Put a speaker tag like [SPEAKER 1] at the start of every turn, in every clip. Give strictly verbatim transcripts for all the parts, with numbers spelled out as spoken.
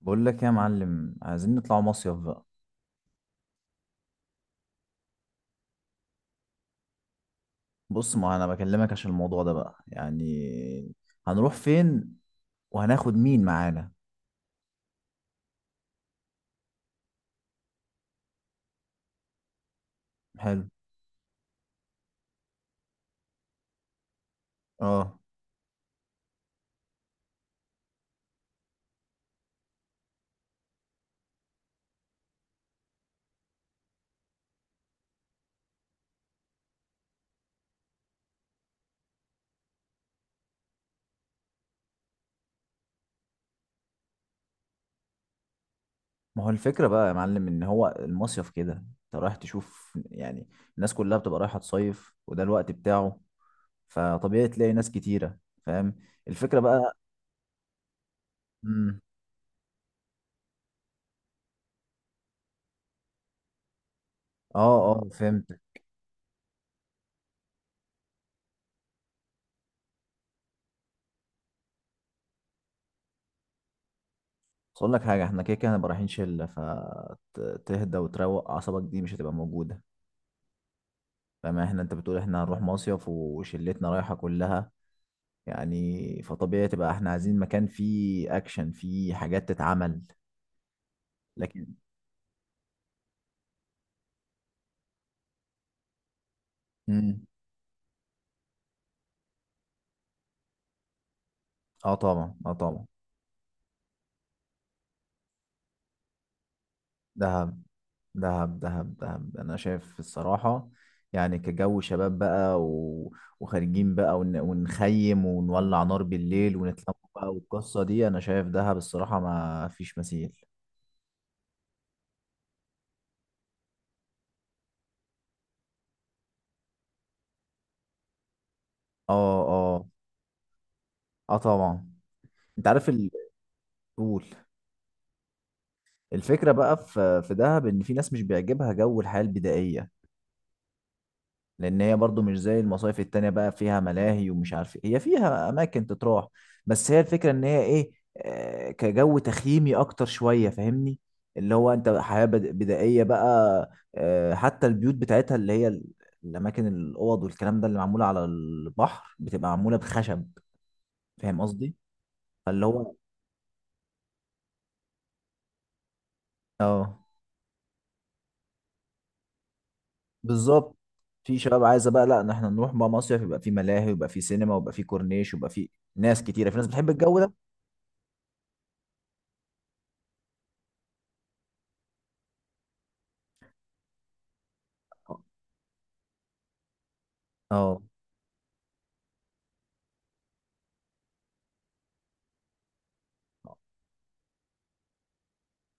[SPEAKER 1] بقول لك إيه يا معلم، عايزين نطلع مصيف بقى. بص، ما انا بكلمك عشان الموضوع ده بقى، يعني هنروح فين وهناخد مين معانا؟ حلو. اه. ما هو الفكرة بقى يا معلم، ان هو المصيف كده انت رايح تشوف، يعني الناس كلها بتبقى رايحة تصيف وده الوقت بتاعه، فطبيعي تلاقي ناس كتيرة. فاهم؟ الفكرة بقى. امم. اه اه، فهمت. بس اقول لك حاجة، احنا كده كده هنبقى رايحين شلة، فتهدى وتروق اعصابك دي مش هتبقى موجودة. فما احنا، انت بتقول احنا هنروح مصيف وشلتنا رايحة كلها، يعني فطبيعي تبقى احنا عايزين مكان فيه اكشن، فيه حاجات تتعمل. لكن. مم. اه طبعا، اه طبعا. دهب، دهب، دهب، دهب، انا شايف الصراحة، يعني كجو شباب بقى و... وخارجين بقى ون... ونخيم ونولع نار بالليل ونتلم بقى، والقصة دي انا شايف دهب الصراحة ما فيش مثيل. اه اه. اه طبعا. انت عارف ال... قول. الفكرة بقى، في في دهب، إن في ناس مش بيعجبها جو الحياة البدائية. لأن هي برضو مش زي المصايف التانية بقى، فيها ملاهي ومش عارف إيه. هي فيها أماكن تتراح، بس هي الفكرة إن هي إيه، آه، كجو تخييمي أكتر شوية، فاهمني؟ اللي هو أنت حياة بد- بدائية بقى، آه، حتى البيوت بتاعتها اللي هي ال- الأماكن، الأوض والكلام ده اللي معمولة على البحر بتبقى معمولة بخشب. فاهم قصدي؟ فاللي هو آه بالظبط، في شباب عايزه بقى، لا إن احنا نروح بقى مصيف يبقى في ملاهي، ويبقى في سينما، ويبقى في كورنيش، ويبقى في ناس كتيره، في ناس بتحب الجو ده. اه.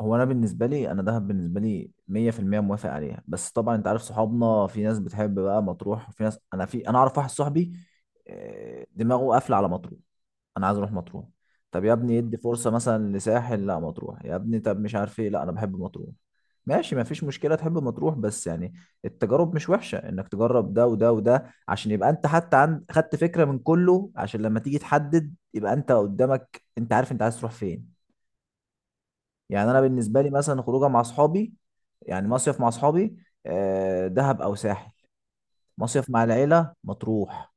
[SPEAKER 1] هو انا بالنسبه لي، انا دهب بالنسبه لي مية في المية موافق عليها، بس طبعا انت عارف صحابنا، في ناس بتحب بقى مطروح، وفي ناس، انا في انا اعرف واحد صاحبي، آه، دماغه قافله على مطروح، انا عايز اروح مطروح. طب يا ابني ادي فرصه مثلا لساحل، لا مطروح يا ابني، طب مش عارف ايه، لا انا بحب مطروح. ماشي، مفيش مشكله، تحب مطروح بس يعني التجارب مش وحشه، انك تجرب ده وده وده، عشان يبقى انت حتى عند خدت فكره من كله، عشان لما تيجي تحدد يبقى انت قدامك، انت عارف انت عايز تروح فين. يعني انا بالنسبه لي مثلا، خروجه مع اصحابي، يعني مصيف مع اصحابي، آه، دهب او ساحل، مصيف مع العيله مطروح.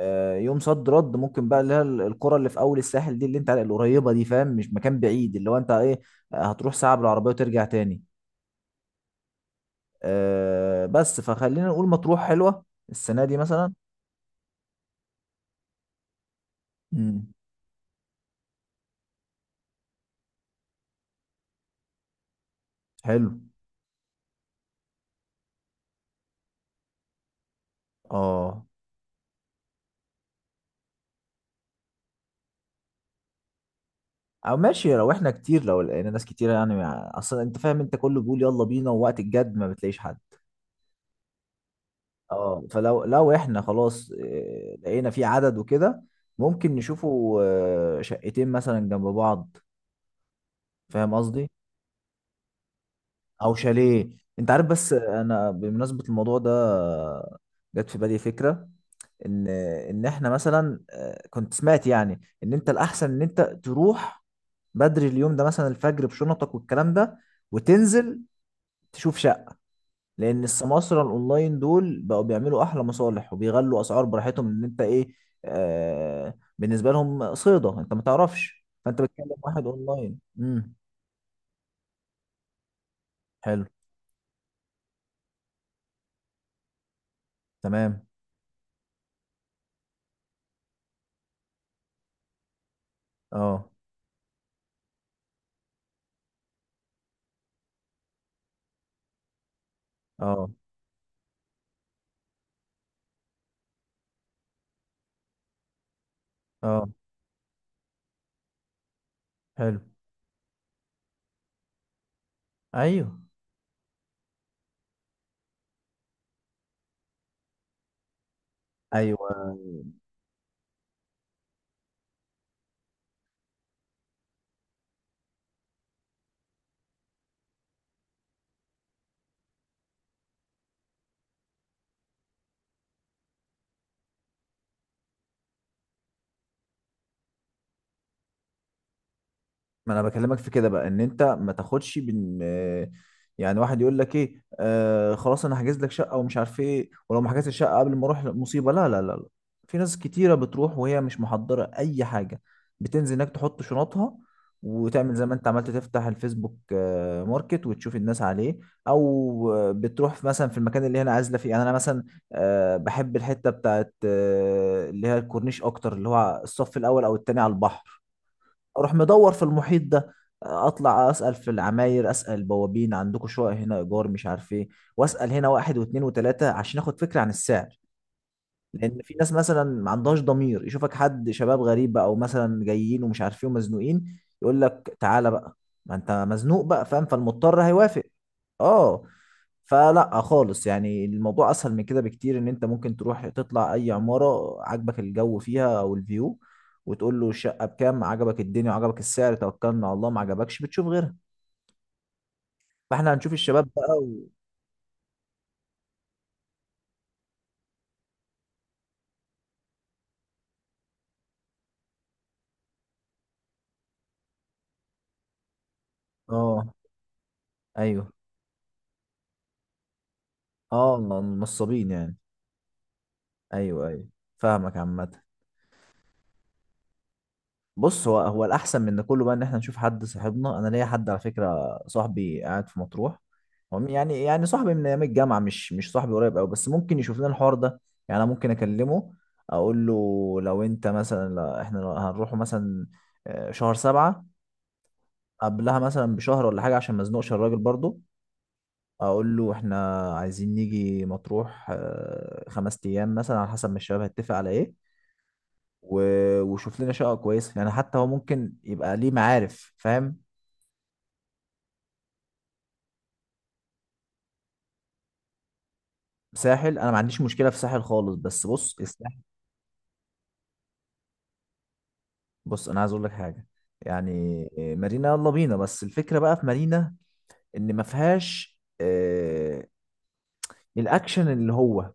[SPEAKER 1] آه، يوم صد رد ممكن بقى، اللي هي ال- القرى اللي في اول الساحل دي اللي انت على- القريبه دي، فاهم؟ مش مكان بعيد، اللي هو انت ايه، آه، هتروح ساعه بالعربيه وترجع تاني. آه، بس فخلينا نقول مطروح حلوه السنه دي مثلا. امم، حلو. اه. او ماشي، لو احنا كتير، لو لقينا ناس كتير يعني، مع- اصلا انت فاهم، انت كله بيقول يلا بينا، ووقت الجد ما بتلاقيش حد. اه، فلو لو احنا خلاص آه، لقينا في عدد وكده، ممكن نشوفوا آه، شقتين مثلا جنب بعض. فاهم قصدي؟ او شاليه. انت عارف، بس انا بمناسبة الموضوع ده، جت في بالي فكرة، ان ان احنا مثلا آه، كنت سمعت يعني، ان انت الاحسن ان انت تروح بدري اليوم ده مثلا، الفجر بشنطك والكلام ده، وتنزل تشوف شقة. لان السماسرة الاونلاين دول بقوا بيعملوا احلى مصالح وبيغلوا اسعار براحتهم، ان انت ايه، آه بالنسبة لهم صيدة، انت ما تعرفش، فانت بتكلم واحد اونلاين. امم، حلو، تمام. اه اه اه، حلو، ايوه ايوه. ما انا بكلمك في كده بقى، ان انت ما تاخدش بن آه، يعني واحد يقول لك ايه، آه خلاص انا هحجز لك شقه ومش عارف ايه، ولو ما حجزتش الشقه قبل ما اروح مصيبه، لا لا لا لا. في ناس كتيره بتروح وهي مش محضره اي حاجه، بتنزل هناك تحط شنطها، وتعمل زي ما انت عملت، تفتح الفيسبوك آه، ماركت وتشوف الناس عليه. او آه، بتروح في- مثلا في المكان اللي هي انا عازله فيه يعني، انا مثلا آه، بحب الحته بتاعت، آه، اللي هي الكورنيش اكتر، اللي هو الصف الاول او التاني على البحر، اروح مدور في المحيط ده، اطلع اسال في العماير، اسال البوابين عندكم شقق هنا ايجار، مش عارف ايه، واسال هنا واحد واثنين وثلاثه عشان اخد فكره عن السعر. لان في ناس مثلا ما عندهاش ضمير، يشوفك حد شباب غريب بقى، او مثلا جايين ومش عارف ايه ومزنوقين، يقول لك تعالى بقى، ما انت مزنوق بقى، فاهم، فالمضطر هيوافق. اه. فلا خالص، يعني الموضوع اسهل من كده بكتير، ان انت ممكن تروح تطلع اي عمارة عجبك الجو فيها او الفيو، وتقول له الشقة بكام، عجبك الدنيا وعجبك السعر توكلنا على الله، ما عجبكش بتشوف غيرها. فاحنا هنشوف الشباب بقى و... اه، ايوه، اه. نصابين يعني. ايوه ايوه، فاهمك عامة. بص، هو هو الاحسن من ده كله بقى، ان احنا نشوف حد صاحبنا، انا ليا حد على فكره صاحبي قاعد في مطروح، هو م- يعني يعني صاحبي من ايام الجامعه، مش مش صاحبي قريب قوي، بس ممكن يشوف لنا الحوار ده. يعني انا ممكن اكلمه، اقول له لو انت مثلا، لا احنا هنروحوا مثلا آه، شهر سبعة، قبلها مثلا بشهر ولا حاجه عشان ما ازنقش الراجل برضو. اقول له احنا عايزين نيجي مطروح آه، خمس ايام مثلا، على حسب ما الشباب هيتفق على ايه، و- وشوف لنا شقه كويسه، يعني حتى هو ممكن يبقى ليه معارف، فاهم؟ ساحل، انا ما عنديش مشكله في ساحل خالص، بس بص، الساحل، بص انا عايز اقول لك حاجه يعني، مارينا يلا بينا، بس الفكره بقى في مارينا، ان ما فيهاش آه الاكشن اللي هو،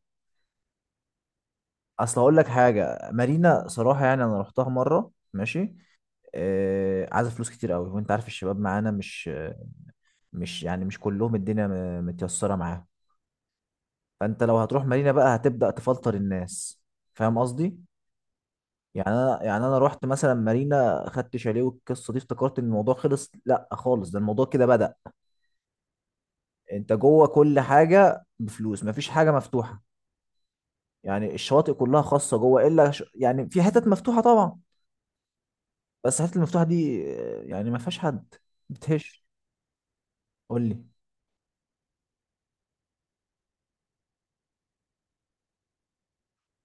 [SPEAKER 1] اصل هقول لك حاجه، مارينا صراحه يعني، انا رحتها مره ماشي، آه عايزه فلوس كتير قوي، وانت عارف الشباب معانا، مش مش يعني مش كلهم الدنيا م- متيسره معاهم. فانت لو هتروح مارينا بقى هتبدا تفلتر الناس، فاهم قصدي؟ يعني انا يعني انا رحت مثلا مارينا خدت شاليه والقصه دي افتكرت ان الموضوع خلص، لا خالص ده الموضوع كده بدأ. انت جوه كل حاجه بفلوس، مفيش حاجه مفتوحه، يعني الشواطئ كلها خاصه جوه، الا ش... يعني في حتت مفتوحه طبعا، بس الحتت المفتوحه دي آه، يعني ما فيهاش حد بتهش. قول لي.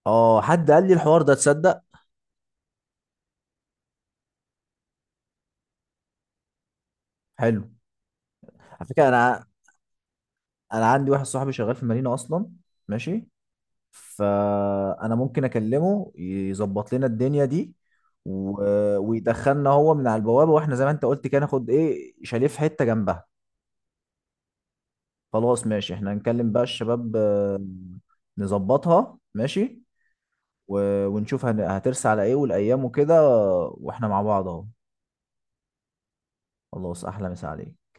[SPEAKER 1] اه، حد قال لي الحوار ده تصدق. حلو. على فكره، انا ع- انا عندي واحد صاحبي شغال في مارينا اصلا، ماشي، فانا ممكن اكلمه يظبط لنا الدنيا دي، و... ويدخلنا هو من على البوابه، واحنا زي ما انت قلت كده، ناخد ايه شاليه في حته جنبها. خلاص ماشي، احنا هنكلم بقى الشباب، آه، نظبطها ماشي، و... ونشوف هن... هترسى على ايه والايام وكده، واحنا مع بعض اهو. خلاص، احلى مسا عليك.